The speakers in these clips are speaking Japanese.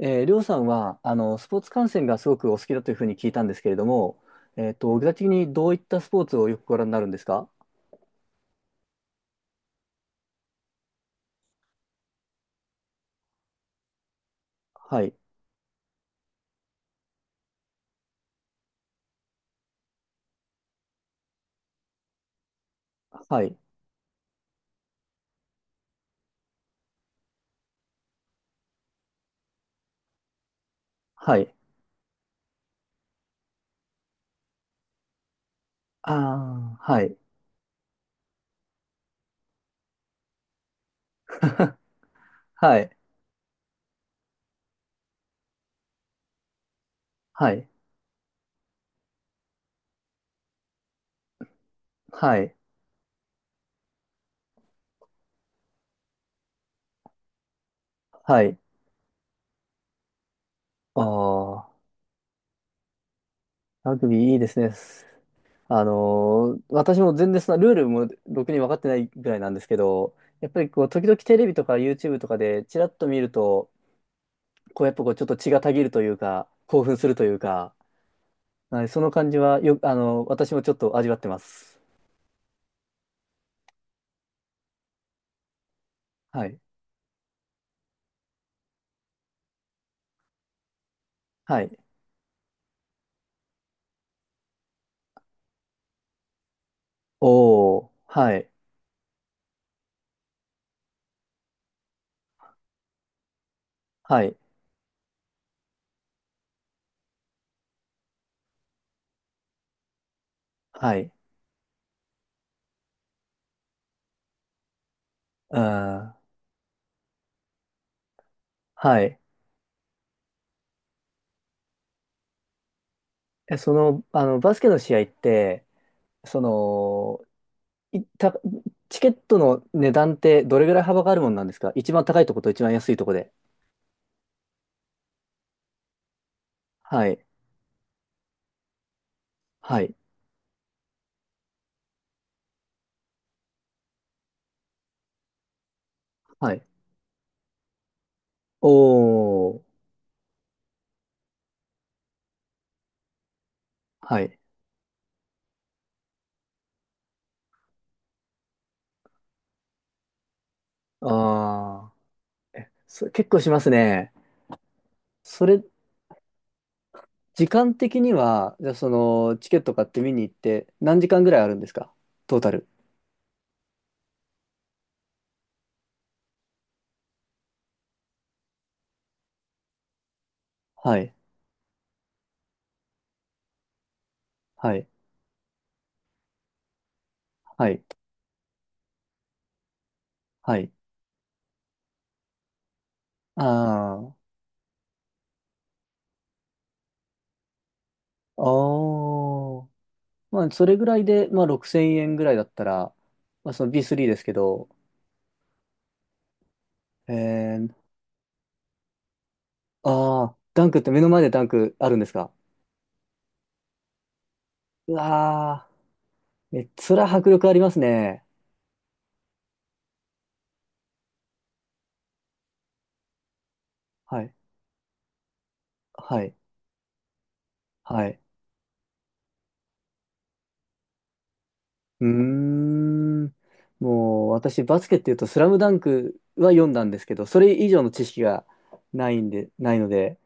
りょうさんは、スポーツ観戦がすごくお好きだというふうに聞いたんですけれども、具体的にどういったスポーツをよくご覧になるんですか？はい。はい。はい。ああ、はい。はい。はい。はい。はい。ああ、ラグビーいいですね。あのー私も全然そのルールもろくに分かってないぐらいなんですけど、やっぱりこう、時々テレビとか YouTube とかでチラッと見ると、こう、やっぱこう、ちょっと血がたぎるというか、興奮するというか、はい、その感じはよ、私もちょっと味わってます。はい。はい。おー、はい。はい。はい。うん。はい。え、その、バスケの試合って、その、いた、チケットの値段ってどれぐらい幅があるもんなんですか？一番高いとこと一番安いとこで。はい。はい。はい。おー、はい。あー、え、それ結構しますね。それ、時間的には、じゃあその、チケット買って見に行って、何時間ぐらいあるんですか？トータル。はい、はい、はい、はい。ああああまあ、それぐらいで、まあ、6000円ぐらいだったら、まあ、その B3 ですけど、えー、ああダンクって目の前でダンクあるんですか？うわあえ、それは迫力ありますね。はい、はい、はい。うーん。もう私バスケっていうと「スラムダンクは読んだんですけど、それ以上の知識がないんで、ないので、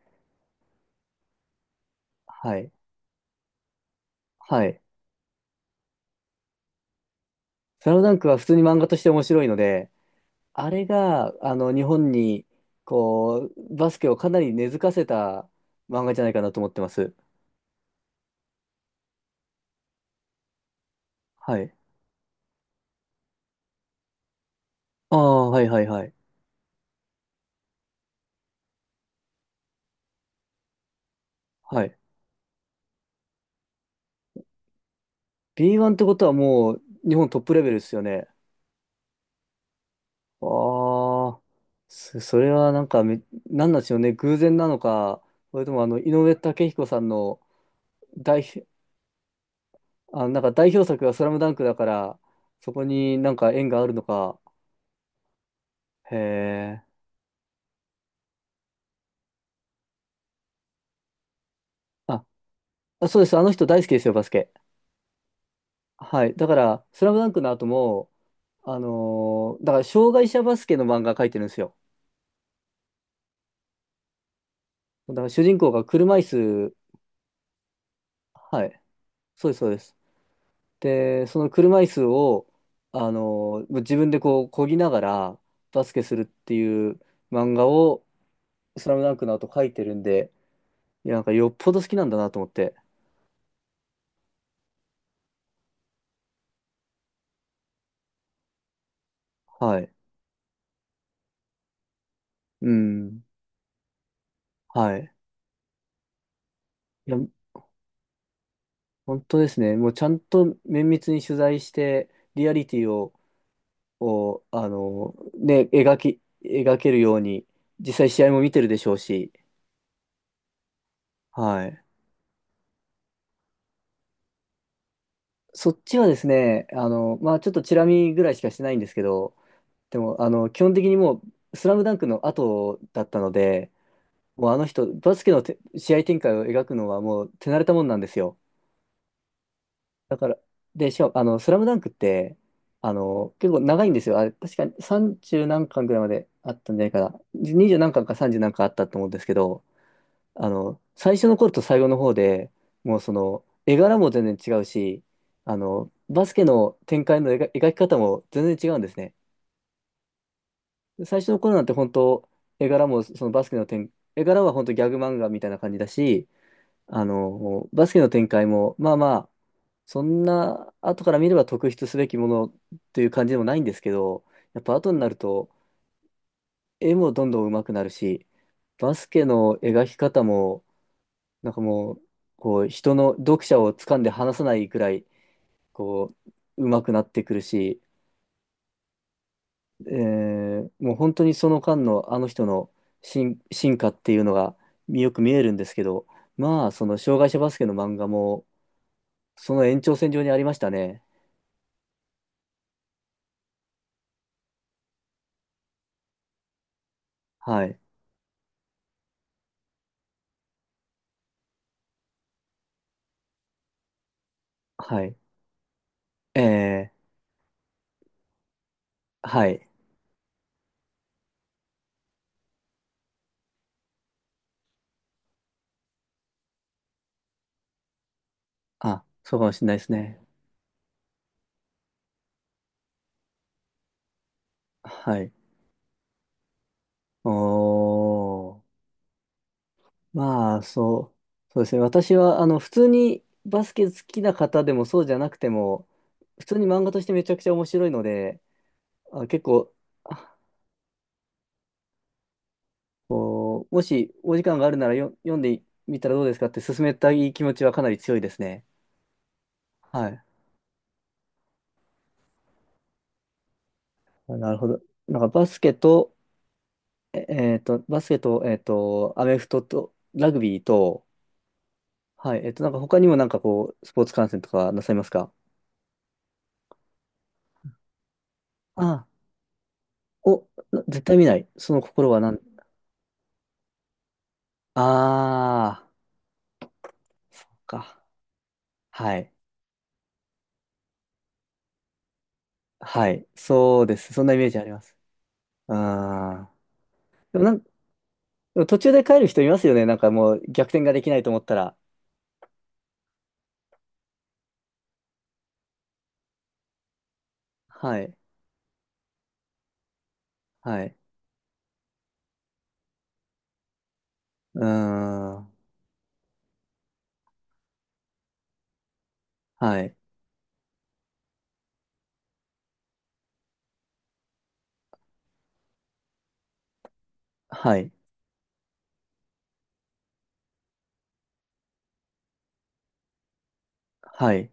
はい。はい。スラムダンクは普通に漫画として面白いので、あれがあの日本にこうバスケをかなり根付かせた漫画じゃないかなと思ってます。はい。ああ、はいはいはい。はい。B1 ってことはもう日本トップレベルですよね。ああ、そそれはなんかめ、なんなんでしょうね、偶然なのか、それともあの、井上武彦さんの代表、あ、なんか代表作がスラムダンクだから、そこになんか縁があるのか。へえ。あ、あそうです。あの人大好きですよ、バスケ。はい。だから、スラムダンクの後も、あのーだから障害者バスケの漫画描いてるんですよ。だから主人公が車椅子、はい。そうです、そうです。で、その車椅子を、自分でこう、漕ぎながらバスケするっていう漫画を、スラムダンクの後書いてるんで、いや、なんかよっぽど好きなんだなと思って。はい。うん。はい。いや、本当ですね。もうちゃんと綿密に取材して、リアリティを、を、ね、描き、描けるように、実際試合も見てるでしょうし、はい。そっちはですね、まあちょっとチラ見ぐらいしかしてないんですけど、でも、基本的にもう、スラムダンクの後だったので、もうあの人、バスケのて試合展開を描くのはもう手慣れたもんなんですよ。だから、で、しかも、スラムダンクって、結構長いんですよ。あれ、確かに30何巻ぐらいまであったんじゃないかな。20何巻か30何巻あったと思うんですけど、最初の頃と最後の方で、もうその、絵柄も全然違うし、バスケの展開の描描き方も全然違うんですね。最初の頃なんて本当、絵柄もそのバスケの展、絵柄は本当ギャグ漫画みたいな感じだし、バスケの展開も、まあまあ、そんな後から見れば特筆すべきものという感じでもないんですけど、やっぱ後になると絵もどんどん上手くなるし、バスケの描き方も、なんかもう、こう、人の読者を掴んで離さないくらい、こう、上手くなってくるし、えもう本当にその間のあの人の進化っていうのがよく見えるんですけど、まあ、その障害者バスケの漫画も、その延長線上にありましたね。はい。はい。えー、はい。あ、そうかもしれないですね。はい。おー。まあ、そそうですね。私は、普通にバスケ好きな方でもそうじゃなくても、普通に漫画としてめちゃくちゃ面白いので、あ、結構、こう、もしお時間があるならよ読んでみたらどうですかって勧めたい気持ちはかなり強いですね。はい。あなるほど。なんかバスケと、ええーと、バスケと、アメフトと、ラグビーと、はい。なんか他にもなんかこう、スポーツ観戦とかなさいますか？ああ、お、な絶対見ない。その心はなん、ああ、そっか。はい。はい。そうです。そんなイメージあります。ああ。でもなん、でも途中で帰る人いますよね。なんかもう逆転ができないと思ったら。はい。はい。うーん。はい。はい。はい。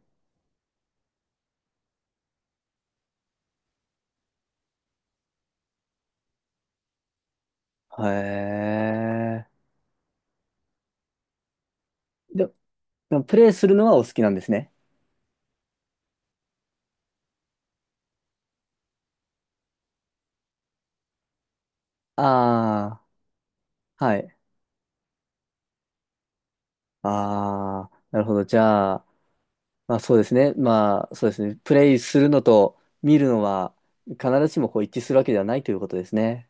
へえ。で、でもプレイするのはお好きなんですね。ああ。はい。ああ。なるほど。じゃあ、まあそうですね。まあそうですね。プレイするのと見るのは必ずしもこう一致するわけではないということですね。